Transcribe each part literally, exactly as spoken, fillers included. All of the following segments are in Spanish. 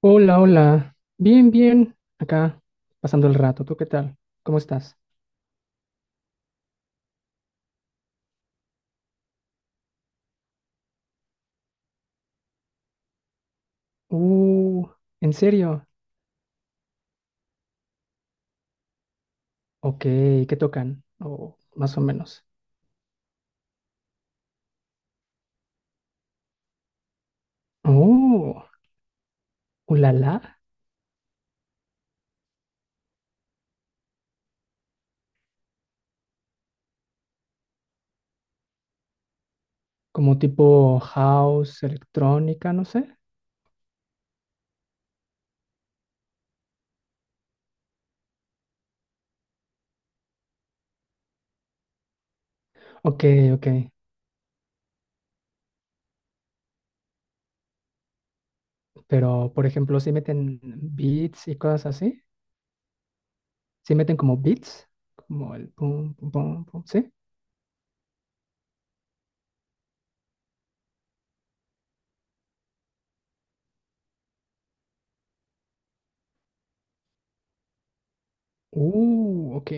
Hola, hola. Bien, bien. Acá, pasando el rato. ¿Tú qué tal? ¿Cómo estás? Uh, ¿En serio? Ok, ¿qué tocan? O más o menos. Oh, ulala. Como tipo house, electrónica, no sé. Ok, ok. Pero, por ejemplo, si meten beats y cosas así. Si meten como beats. Como el pum, pum, pum, pum. ¿Sí? Uh, ok.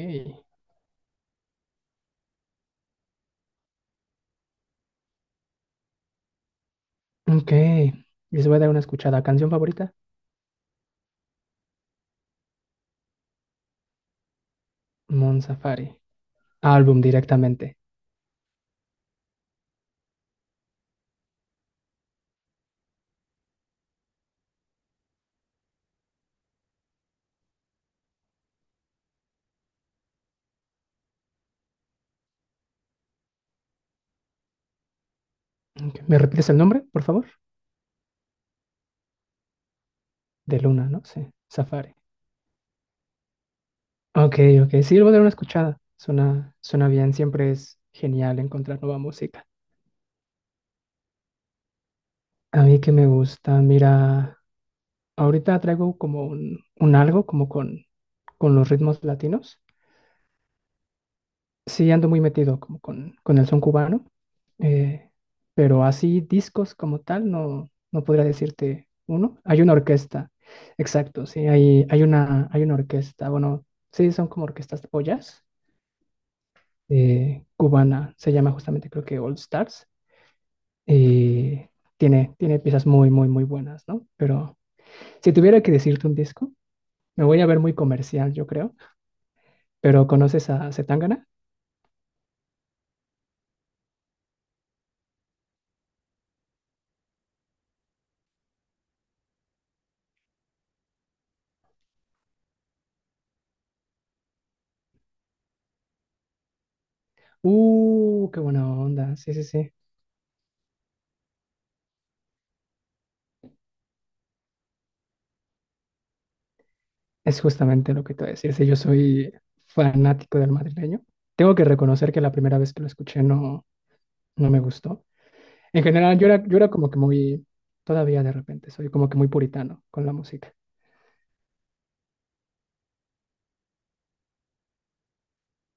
Ok. Les voy a dar una escuchada. ¿Canción favorita? Mon Laferte. Álbum directamente. Ok, ¿me repites el nombre, por favor? De Luna, ¿no? Sí, Safari. Ok, ok. Sí, le voy a dar una escuchada. Suena, suena bien. Siempre es genial encontrar nueva música. A mí que me gusta, mira, ahorita traigo como un, un algo como con, con los ritmos latinos. Sí, ando muy metido como con, con el son cubano, eh, pero así discos como tal no, no podría decirte uno. Hay una orquesta, exacto, sí, hay, hay una, hay una orquesta, bueno, sí, son como orquestas pollas, eh, cubana, se llama justamente creo que All Stars, y tiene, tiene piezas muy, muy, muy buenas, ¿no? Pero si tuviera que decirte un disco, me voy a ver muy comercial, yo creo, pero ¿conoces a Zetangana? Uh, qué buena onda, sí, sí, sí. Es justamente lo que te voy a decir. Si yo soy fanático del madrileño, tengo que reconocer que la primera vez que lo escuché no, no me gustó. En general, yo era, yo era como que muy, todavía de repente, soy como que muy puritano con la música.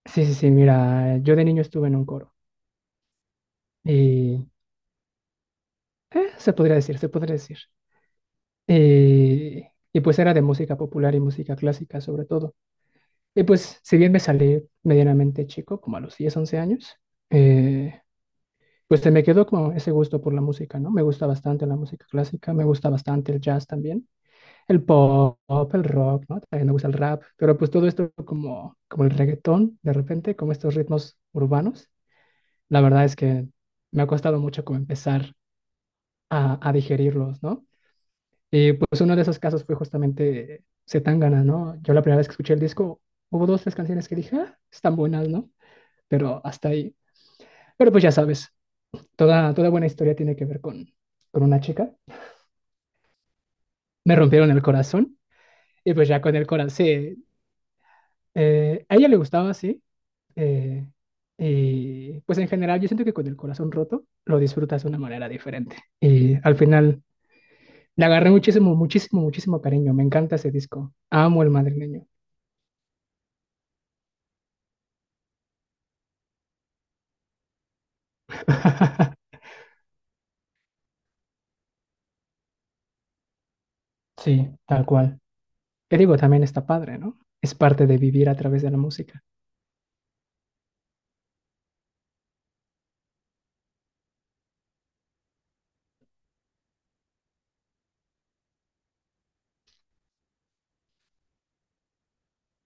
Sí, sí, sí, mira, yo de niño estuve en un coro y eh, se podría decir, se podría decir. Y, y pues era de música popular y música clásica sobre todo. Y pues si bien me salí medianamente chico, como a los diez once años, eh, pues se me quedó como ese gusto por la música, ¿no? Me gusta bastante la música clásica, me gusta bastante el jazz también, el pop, el rock, ¿no? También me gusta el rap, pero pues todo esto como, como el reggaetón, de repente, como estos ritmos urbanos, la verdad es que me ha costado mucho como empezar a, a digerirlos, ¿no? Y pues uno de esos casos fue justamente Zetangana, ¿no? Yo la primera vez que escuché el disco, hubo dos, tres canciones que dije, ah, están buenas, ¿no? Pero hasta ahí. Pero pues ya sabes, toda, toda buena historia tiene que ver con, con una chica. Me rompieron el corazón. Y pues ya con el corazón, sí, eh, a ella le gustaba, sí. eh, y pues en general yo siento que con el corazón roto lo disfrutas de una manera diferente. Y al final le agarré muchísimo, muchísimo, muchísimo cariño. Me encanta ese disco. Amo el madrileño. Sí, tal cual. Que digo, también está padre, ¿no? Es parte de vivir a través de la música.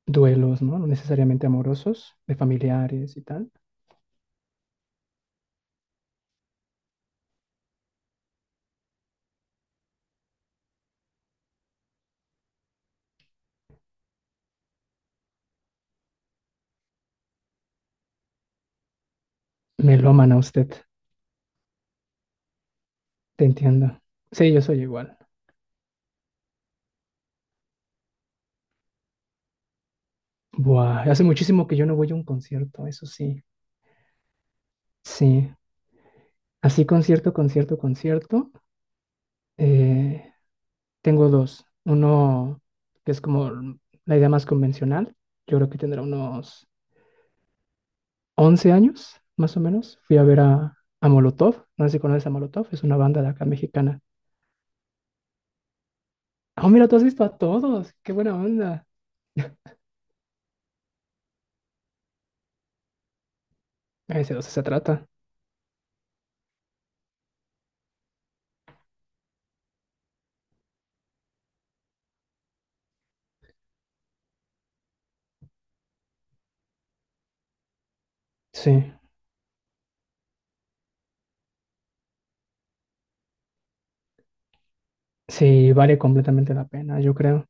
Duelos, ¿no? No necesariamente amorosos, de familiares y tal. Me lo aman a usted, te entiendo. Sí, yo soy igual. Buah, hace muchísimo que yo no voy a un concierto, eso sí. Sí, así concierto, concierto, concierto. eh, Tengo dos. Uno que es como la idea más convencional. Yo creo que tendrá unos once años, más o menos. Fui a ver a, a Molotov. No sé si conoces a Molotov, es una banda de acá mexicana. Oh, mira, tú has visto a todos. Qué buena onda. Ese dos se trata. Sí, sí, vale completamente la pena, yo creo.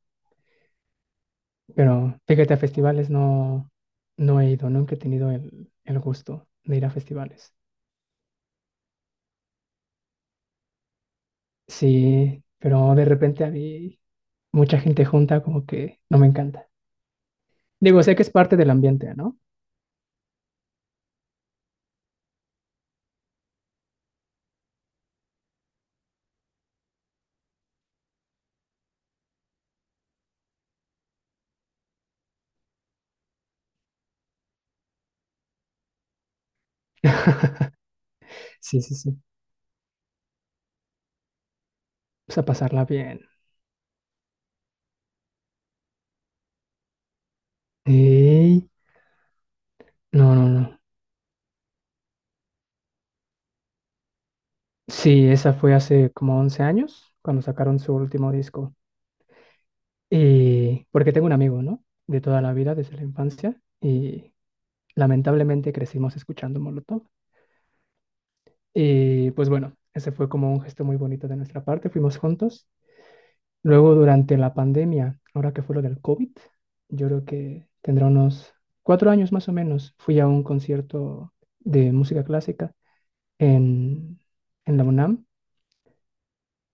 Pero fíjate, a festivales no, no he ido, nunca he tenido el, el gusto de ir a festivales. Sí, pero de repente a mí mucha gente junta como que no me encanta. Digo, sé que es parte del ambiente, ¿no? Sí, sí, sí. Pues a pasarla bien. Y... No, no, no. Sí, esa fue hace como once años, cuando sacaron su último disco. Y porque tengo un amigo, ¿no? De toda la vida, desde la infancia. Y lamentablemente crecimos escuchando Molotov. Y pues bueno, ese fue como un gesto muy bonito de nuestra parte, fuimos juntos. Luego durante la pandemia, ahora que fue lo del COVID, yo creo que tendrá unos cuatro años más o menos, fui a un concierto de música clásica en, en la UNAM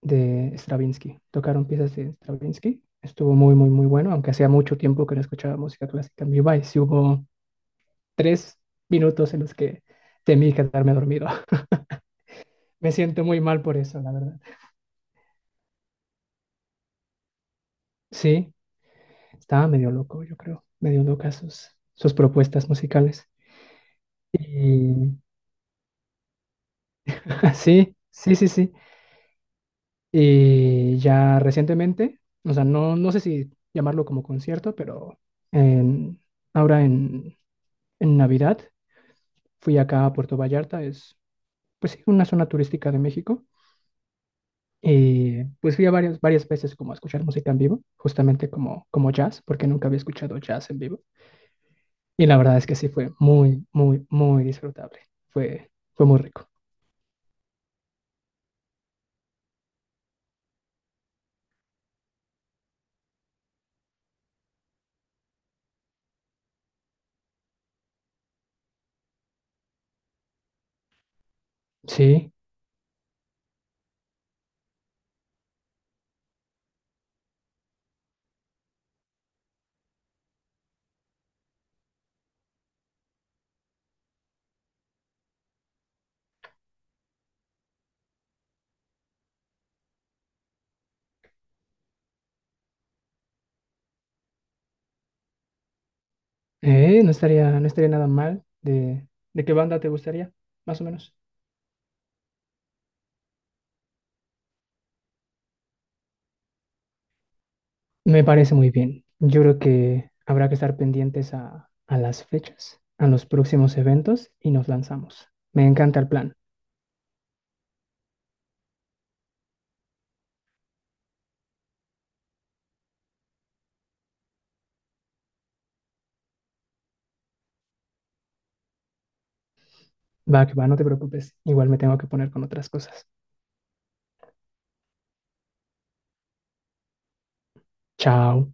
de Stravinsky. Tocaron piezas de Stravinsky, estuvo muy, muy, muy bueno, aunque hacía mucho tiempo que no escuchaba música clásica en vivo y sí hubo tres minutos en los que temí quedarme dormido. Me siento muy mal por eso, la verdad. Sí, estaba medio loco, yo creo, medio loca sus, sus propuestas musicales. Y sí, sí, sí, sí. Y ya recientemente, o sea, no, no sé si llamarlo como concierto, pero en- ahora en, en Navidad fui acá a Puerto Vallarta, es pues sí, una zona turística de México. Y pues fui a varias, varias veces como a escuchar música en vivo, justamente como, como jazz, porque nunca había escuchado jazz en vivo. Y la verdad es que sí fue muy, muy, muy disfrutable. Fue, fue muy rico. Sí, eh, no estaría, no estaría nada mal. ¿De, de qué banda te gustaría? Más o menos. Me parece muy bien. Yo creo que habrá que estar pendientes a, a las fechas, a los próximos eventos y nos lanzamos. Me encanta el plan. Va, que va, no te preocupes. Igual me tengo que poner con otras cosas. Chao.